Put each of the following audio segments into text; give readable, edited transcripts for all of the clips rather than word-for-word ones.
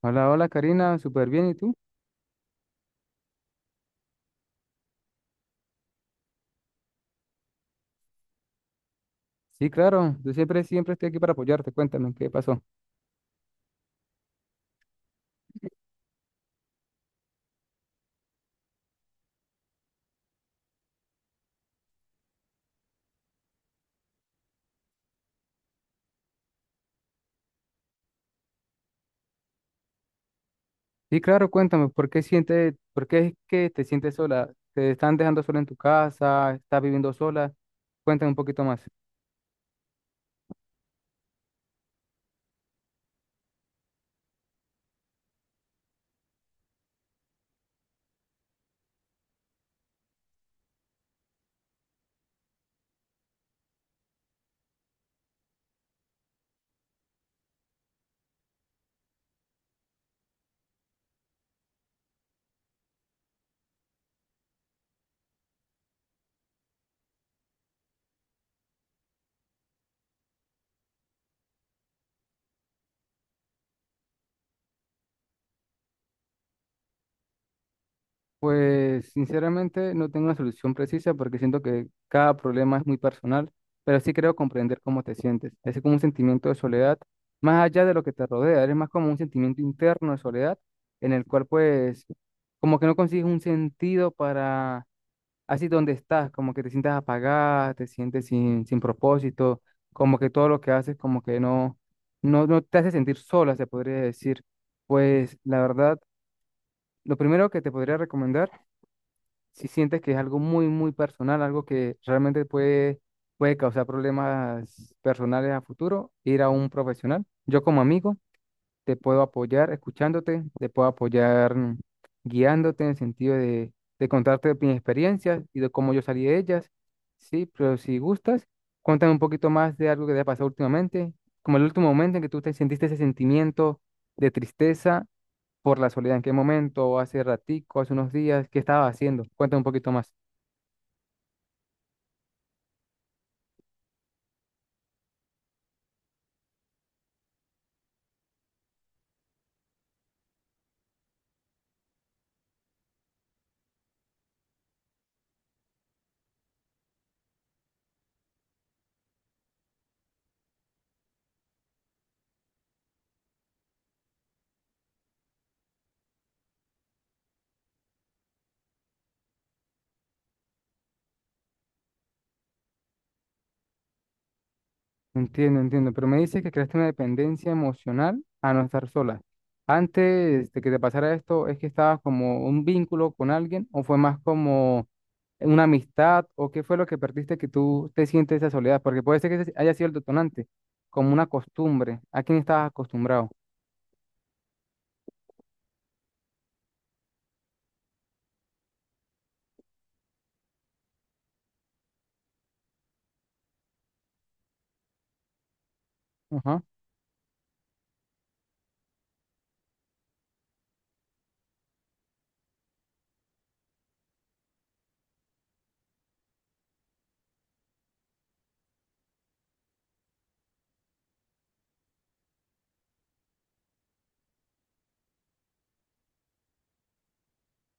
Hola, hola Karina, súper bien, ¿y tú? Sí, claro, yo siempre estoy aquí para apoyarte, cuéntame, ¿qué pasó? Sí, claro, cuéntame, ¿por qué es que te sientes sola? ¿Te están dejando sola en tu casa? ¿Estás viviendo sola? Cuéntame un poquito más. Pues sinceramente no tengo una solución precisa porque siento que cada problema es muy personal, pero sí creo comprender cómo te sientes. Es como un sentimiento de soledad, más allá de lo que te rodea, es más como un sentimiento interno de soledad en el cual pues como que no consigues un sentido para así donde estás, como que te sientas apagada, te sientes sin propósito, como que todo lo que haces como que no te hace sentir sola, se podría decir. Pues la verdad, lo primero que te podría recomendar, si sientes que es algo muy personal, algo que realmente puede causar problemas personales a futuro, ir a un profesional. Yo como amigo te puedo apoyar escuchándote, te puedo apoyar guiándote en el sentido de contarte mis experiencias y de cómo yo salí de ellas. Sí, pero si gustas, cuéntame un poquito más de algo que te ha pasado últimamente, como el último momento en que tú te sentiste ese sentimiento de tristeza por la soledad. ¿En qué momento? ¿Hace ratico? ¿Hace unos días? ¿Qué estabas haciendo? Cuéntame un poquito más. Entiendo, entiendo, pero me dice que creaste una dependencia emocional a no estar sola. Antes de que te pasara esto, ¿es que estabas como un vínculo con alguien o fue más como una amistad o qué fue lo que perdiste que tú te sientes esa soledad? Porque puede ser que ese haya sido el detonante, como una costumbre, a quién estabas acostumbrado. Ajá,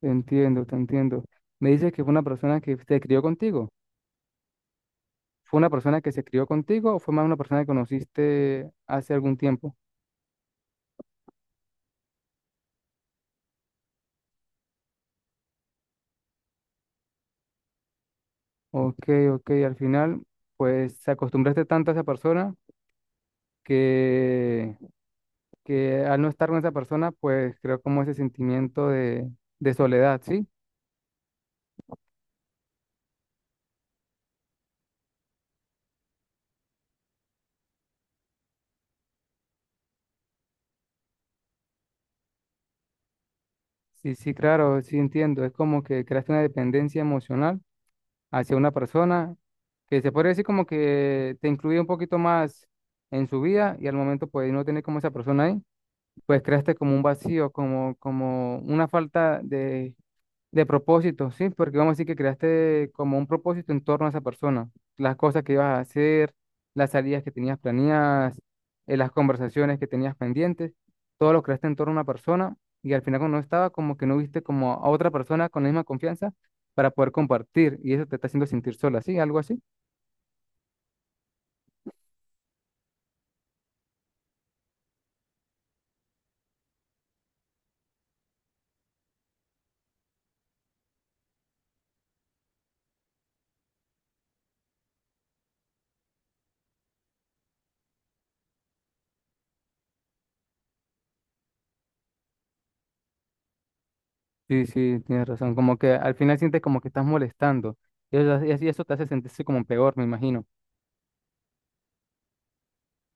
te entiendo, te entiendo. Me dices que fue una persona que se crió contigo. ¿Fue una persona que se crió contigo o fue más una persona que conociste hace algún tiempo? Ok, ok, al final, pues te acostumbraste tanto a esa persona que, que al no estar con esa persona, pues creo como ese sentimiento de soledad, ¿sí? Sí, sí, claro, sí entiendo. Es como que creaste una dependencia emocional hacia una persona que se podría decir como que te incluye un poquito más en su vida y al momento pues no tener como esa persona ahí, pues creaste como un vacío, como una falta de propósito, sí, porque vamos a decir que creaste como un propósito en torno a esa persona, las cosas que ibas a hacer, las salidas que tenías planeadas, las conversaciones que tenías pendientes, todo lo creaste en torno a una persona y al final cuando no estaba, como que no viste como a otra persona con la misma confianza para poder compartir y eso te está haciendo sentir sola, ¿sí? Algo así. Sí, sí, tienes razón, como que al final sientes como que estás molestando y eso, eso te hace sentirse como peor, me imagino.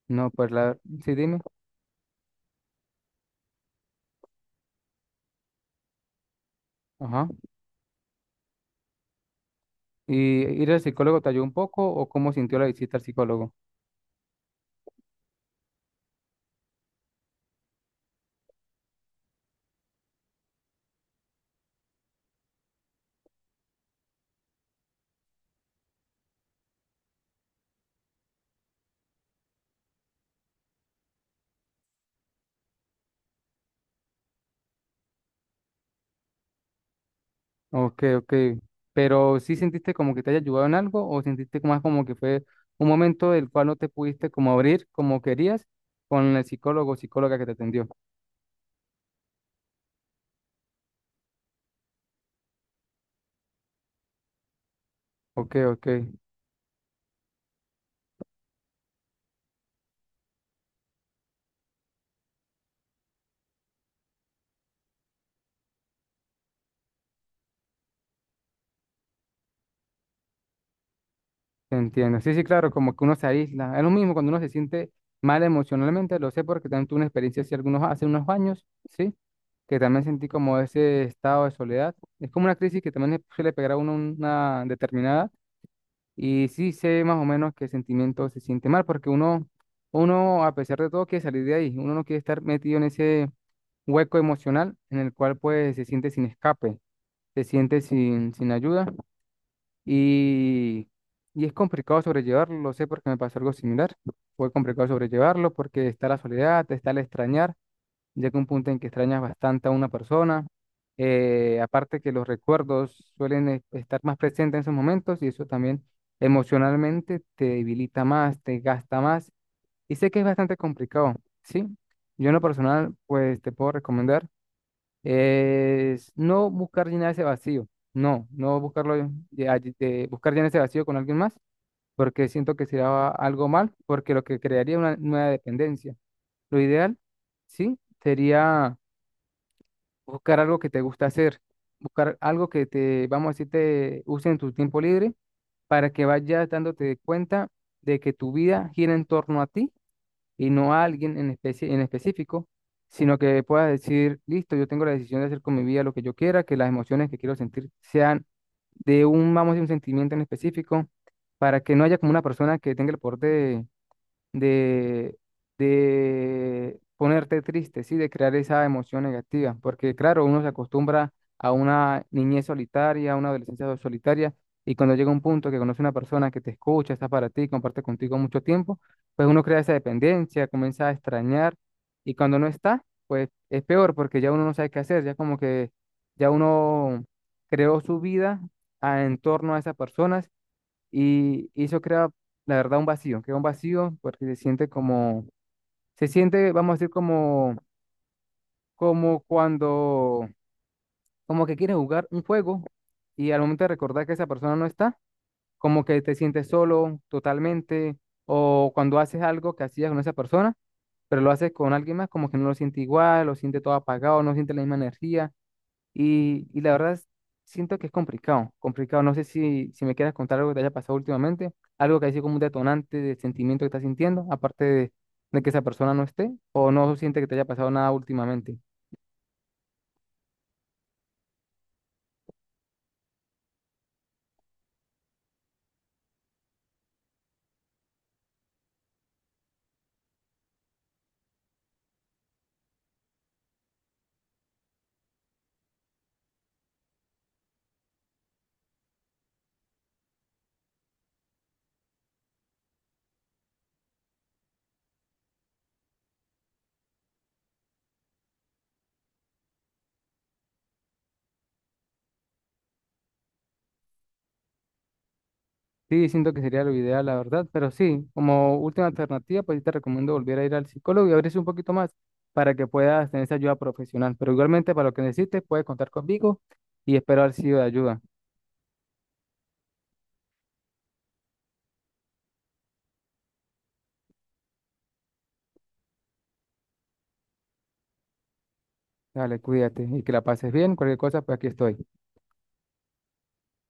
No, pues la... Sí, dime. Ajá. ¿Y ir al psicólogo te ayudó un poco o cómo sintió la visita al psicólogo? Ok, ok. Pero sí sentiste como que te haya ayudado en algo o sentiste más como que fue un momento del cual no te pudiste como abrir como querías con el psicólogo o psicóloga que te atendió. Ok, ok, te entiendo. Sí, sí, claro, como que uno se aísla. Es lo mismo cuando uno se siente mal emocionalmente, lo sé porque también tuve una experiencia hace algunos, hace unos años, ¿sí? Que también sentí como ese estado de soledad. Es como una crisis que también le suele pegar a uno una determinada. Y sí sé más o menos qué sentimiento se siente mal, porque uno, a pesar de todo, quiere salir de ahí. Uno no quiere estar metido en ese hueco emocional en el cual pues se siente sin escape, se siente sin ayuda y, y es complicado sobrellevarlo, lo sé porque me pasó algo similar, fue complicado sobrellevarlo porque está la soledad, está el extrañar llega un punto en que extrañas bastante a una persona. Aparte que los recuerdos suelen estar más presentes en esos momentos y eso también emocionalmente te debilita más, te gasta más. Y sé que es bastante complicado, ¿sí? Yo en lo personal, pues te puedo recomendar es no buscar llenar ese vacío, no buscarlo, de buscar llenar ese vacío con alguien más, porque siento que sería algo mal, porque lo que crearía una nueva dependencia. Lo ideal, ¿sí? Sería buscar algo que te gusta hacer, buscar algo que te, vamos a decir, te use en tu tiempo libre para que vayas dándote cuenta de que tu vida gira en torno a ti y no a alguien en especie, en específico, sino que puedas decir, listo, yo tengo la decisión de hacer con mi vida lo que yo quiera, que las emociones que quiero sentir sean de un, vamos a decir, un sentimiento en específico, para que no haya como una persona que tenga el poder de, de ponerte triste, ¿sí? De crear esa emoción negativa, porque claro, uno se acostumbra a una niñez solitaria, a una adolescencia solitaria, y cuando llega un punto que conoce una persona que te escucha, está para ti, comparte contigo mucho tiempo, pues uno crea esa dependencia, comienza a extrañar, y cuando no está, pues es peor, porque ya uno no sabe qué hacer, ya como que ya uno creó su vida en torno a esas personas y eso crea, la verdad, un vacío, crea un vacío porque se siente se siente, vamos a decir, como cuando, como que quieres jugar un juego y al momento de recordar que esa persona no está, como que te sientes solo totalmente, o cuando haces algo que hacías con esa persona, pero lo haces con alguien más, como que no lo siente igual, lo siente todo apagado, no siente la misma energía. Y la verdad siento que es complicado, complicado. No sé si me quieras contar algo que te haya pasado últimamente, algo que haya sido como un detonante del sentimiento que estás sintiendo, aparte de que esa persona no esté, o no siente que te haya pasado nada últimamente. Sí, siento que sería lo ideal, la verdad, pero sí, como última alternativa, pues sí te recomiendo volver a ir al psicólogo y abrirse un poquito más para que puedas tener esa ayuda profesional. Pero igualmente, para lo que necesites, puedes contar conmigo y espero haber sido de ayuda. Dale, cuídate y que la pases bien. Cualquier cosa, pues aquí estoy.